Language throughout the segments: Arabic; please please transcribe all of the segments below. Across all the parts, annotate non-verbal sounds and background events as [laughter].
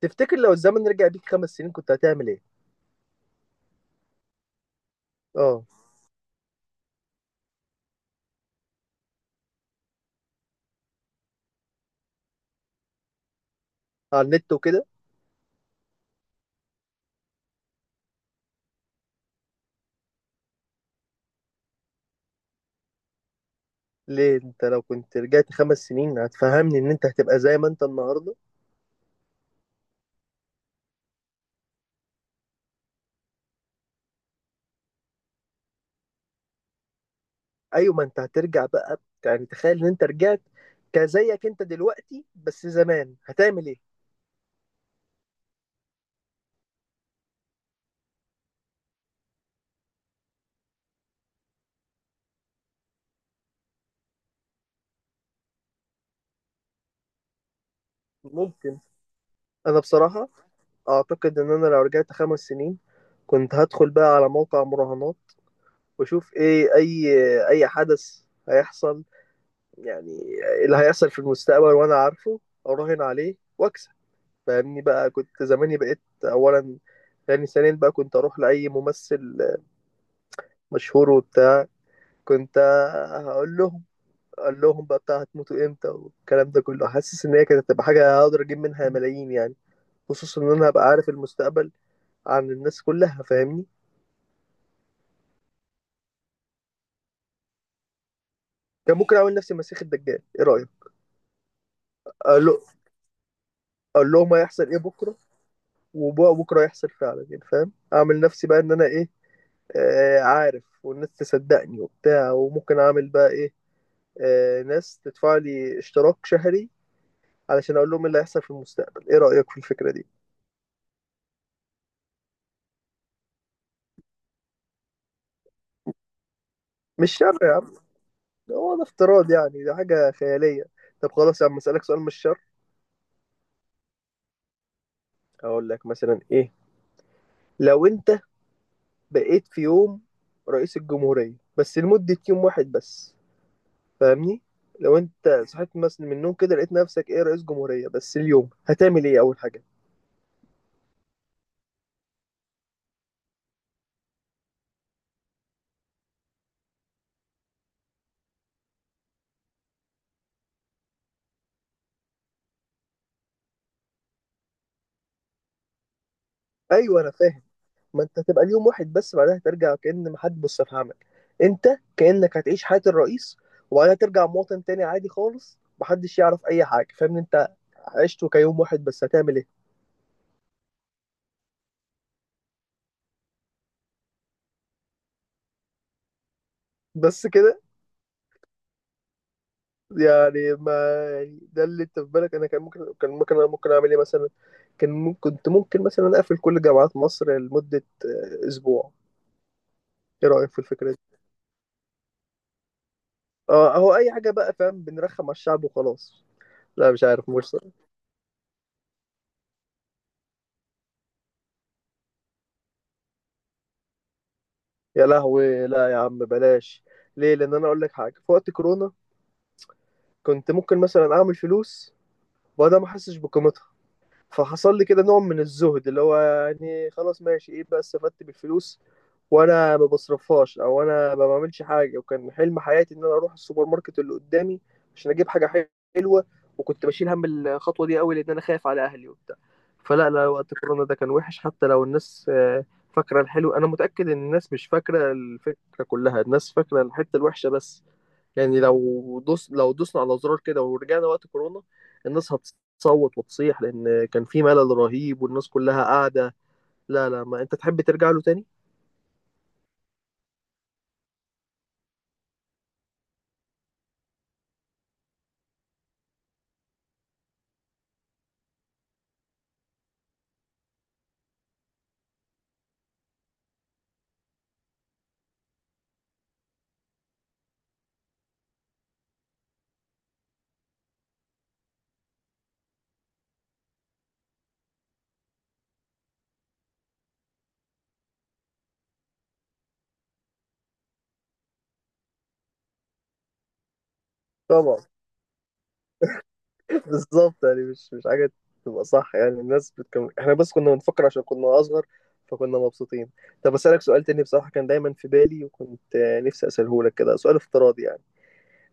تفتكر لو الزمن رجع بيك 5 سنين كنت هتعمل ايه؟ اه، على النت وكده. ليه انت لو كنت رجعت 5 سنين هتفهمني ان انت هتبقى زي ما انت النهارده؟ ايوه ما انت هترجع بقى، يعني تخيل ان انت رجعت كزيك انت دلوقتي بس زمان هتعمل ايه؟ ممكن. انا بصراحه اعتقد ان انا لو رجعت 5 سنين كنت هدخل بقى على موقع مراهنات واشوف ايه اي اي حدث هيحصل، يعني اللي هيحصل في المستقبل وانا عارفه اراهن عليه واكسب. فاهمني بقى، كنت زماني بقيت اولا. يعني ثانيا بقى كنت اروح لاي ممثل مشهور وبتاع، كنت هقول لهم اقول لهم بقى بتاع هتموتوا امتى والكلام ده كله، حاسس ان هي كانت هتبقى حاجه هقدر اجيب منها ملايين يعني، خصوصا ان انا هبقى عارف المستقبل عن الناس كلها، فاهمني. كان ممكن اعمل نفسي مسيح الدجال، ايه رايك؟ اقول له اقول لهم هيحصل ايه بكره، وبكره هيحصل فعلا، يعني فاهم، اعمل نفسي بقى ان انا ايه، آه، عارف، والناس تصدقني وبتاع، وممكن اعمل بقى ايه، ناس تدفع لي اشتراك شهري علشان اقول لهم إيه اللي هيحصل في المستقبل. ايه رأيك في الفكرة دي؟ مش شر يا عم، ده هو ده افتراض يعني، ده حاجة خيالية. طب خلاص يا عم، اسألك سؤال مش شر. اقول لك مثلا ايه، لو انت بقيت في يوم رئيس الجمهورية بس لمدة يوم واحد بس، فاهمني؟ لو انت صحيت مثلا من النوم كده لقيت نفسك ايه رئيس جمهورية، بس اليوم هتعمل ايه اول حاجة؟ ايوه انا فاهم. ما انت هتبقى اليوم واحد بس، بعدها ترجع كأن ما حد بص في عمك. انت كأنك هتعيش حياة الرئيس وبعدها ترجع مواطن تاني عادي خالص، محدش يعرف اي حاجة، فاهم انت، عشته كيوم واحد بس، هتعمل ايه؟ بس كده؟ يعني ما، يعني ده اللي انت في بالك؟ انا كان ممكن انا ممكن اعمل ايه مثلا؟ كان ممكن كنت ممكن مثلا اقفل كل جامعات مصر لمدة اسبوع، ايه رأيك في الفكرة دي؟ اه اهو، اي حاجة بقى، فاهم؟ بنرخم على الشعب وخلاص. لا مش عارف مش يا لهوي، لا يا عم بلاش. ليه؟ لان انا اقول لك حاجه، في وقت كورونا كنت ممكن مثلا اعمل فلوس وانا ما احسش بقيمتها، فحصل لي كده نوع من الزهد اللي هو يعني خلاص ماشي، ايه بقى استفدت بالفلوس وانا ما بصرفهاش، او انا ما بعملش حاجه؟ وكان حلم حياتي ان انا اروح السوبر ماركت اللي قدامي عشان اجيب حاجه حلوه، وكنت بشيل هم الخطوه دي قوي لان انا خايف على اهلي وبتاع. فلا لا، وقت كورونا ده كان وحش، حتى لو الناس فاكره الحلو. انا متاكد ان الناس مش فاكره الفكره كلها، الناس فاكره الحته الوحشه بس. يعني لو لو دوسنا على زرار كده ورجعنا وقت كورونا، الناس هتصوت وتصيح لان كان في ملل رهيب والناس كلها قاعده. لا لا، ما انت تحب ترجع له تاني؟ طبعا. [laughs] بالظبط، يعني مش حاجه تبقى صح، يعني الناس بتكمل، احنا بس كنا بنفكر عشان كنا اصغر، فكنا مبسوطين. طب اسالك سؤال تاني، بصراحه كان دايما في بالي وكنت نفسي اساله لك، كده سؤال افتراضي يعني.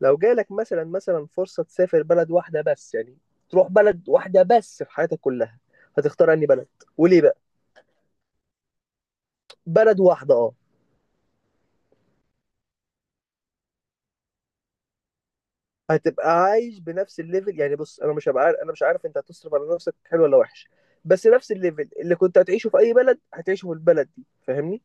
لو جالك مثلا، فرصه تسافر بلد واحده بس، يعني تروح بلد واحده بس في حياتك كلها، هتختار انهي بلد وليه بقى؟ بلد واحده، اه. هتبقى عايش بنفس الليفل، يعني بص انا مش هبقى عارف، انا مش عارف انت هتصرف على نفسك حلو ولا وحش، بس نفس الليفل اللي كنت هتعيشه في اي بلد هتعيشه في البلد دي، فاهمني؟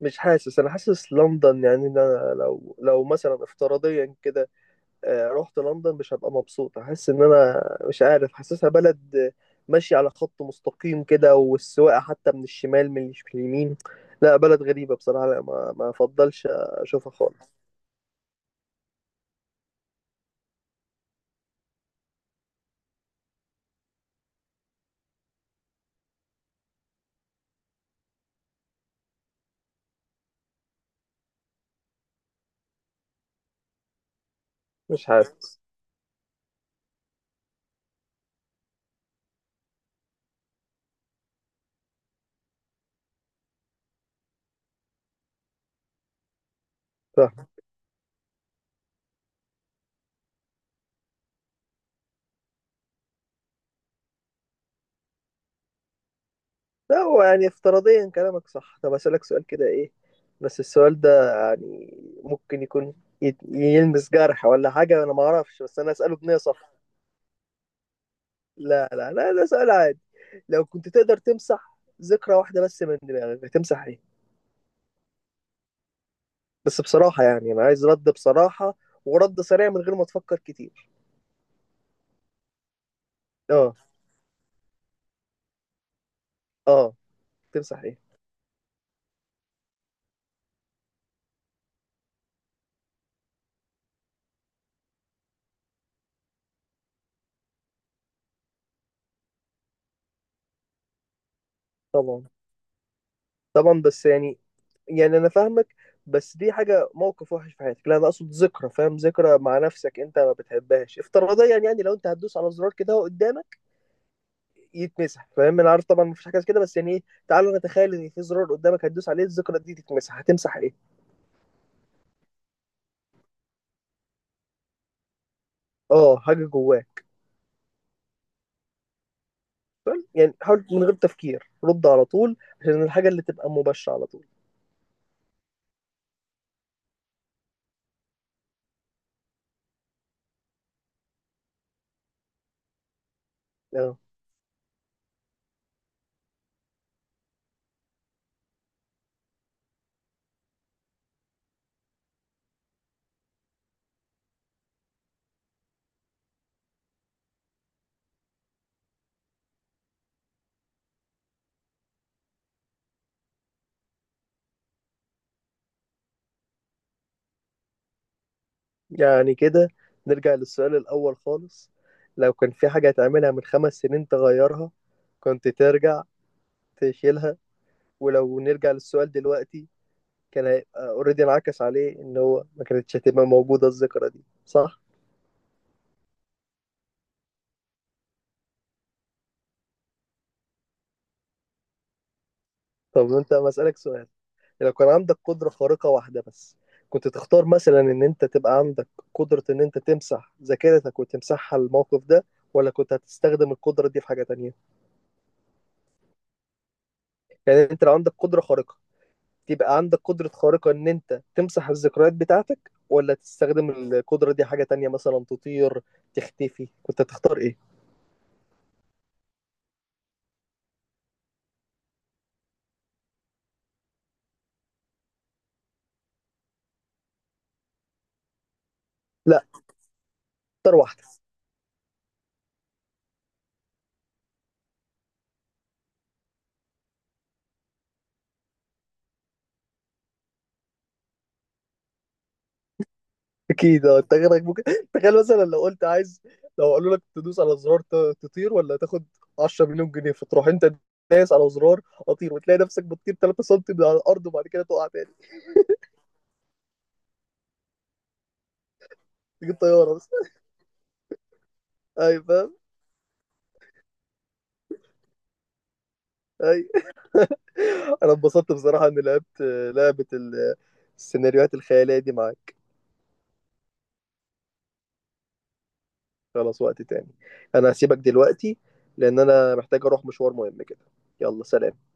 مش حاسس، انا حاسس لندن، يعني ان انا لو مثلا افتراضيا كده رحت لندن مش هبقى مبسوط، احس ان انا مش عارف، حاسسها بلد ماشيه على خط مستقيم كده، والسواقه حتى من الشمال، من مش من اليمين. لا بلد غريبه بصراحه، لا ما افضلش اشوفها خالص. مش عارف. لا هو يعني افتراضيا كلامك صح. طب أسألك سؤال كده، إيه بس السؤال ده يعني ممكن يكون يلمس جرح ولا حاجة، أنا ما أعرفش بس أنا أسأله بنية صح. لا لا لا، ده سؤال عادي. لو كنت تقدر تمسح ذكرى واحدة بس من دماغك هتمسح إيه؟ بس بصراحة يعني أنا عايز رد بصراحة، ورد سريع من غير ما تفكر كتير. آه. آه، تمسح إيه؟ طبعا، طبعًا، بس يعني، يعني أنا فاهمك، بس دي حاجة موقِف وِحِش في حياتك، لأ أنا أقصد ذكرى، فاهم؟ ذكرى مع نَفْسك أنت ما بتحبهاش، افتراضيًا يعني، يعني لو أنت هتدوس على زرار كده أهو قدّامك يتمسح، فاهم؟ أنا عارف طبعًا ما فيش حاجة زي كده، بس يعني إيه، تعالَ نتخيّل إن في زرار قدّامك هتدوس عليه الذكرى دي تتمسح، هتمسح إيه؟ حاجة جوّاك، يعني حاول من غير تفكير، رُد على طول، عشان الحاجة اللي تبقى مباشرة على طول. آه، يعني كده نرجع للسؤال الأول خالص، لو كان في حاجة هتعملها من 5 سنين تغيّرها كنت ترجع تشيلها. ولو نرجع للسؤال دلوقتي، كان هيبقى اوريدي انعكس عليه ان هو ما كانتش هتبقى موجودة الذكرى دي، صح؟ طب انت مسألك سؤال، لو كان عندك قدرة خارقة واحدة بس كنت تختار مثلا ان انت تبقى عندك قدرة ان انت تمسح ذاكرتك وتمسحها الموقف ده، ولا كنت هتستخدم القدرة دي في حاجة تانية؟ يعني انت لو عندك قدرة خارقة، تبقى عندك قدرة خارقة ان انت تمسح الذكريات بتاعتك، ولا تستخدم القدرة دي حاجة تانية مثلا تطير تختفي، كنت هتختار ايه؟ لا، اكتر واحده. [laughs] اكيد، انت غيرك ممكن. [laughs] تخيل مثلا لو قلت عايز، لو قالوا لك تدوس على زرار تطير ولا تاخد 10 مليون جنيه، فتروح انت دايس على زرار اطير وتلاقي نفسك بتطير 3 سم من على الارض وبعد كده تقع تاني. [laughs] تجيب طياره بس. اي فاهم، اي. [laughs] انا اتبسطت بصراحه اني لعبت لعبه السيناريوهات الخياليه دي معاك. خلاص، وقت تاني، انا هسيبك دلوقتي لان انا محتاج اروح مشوار مهم كده. يلا سلام.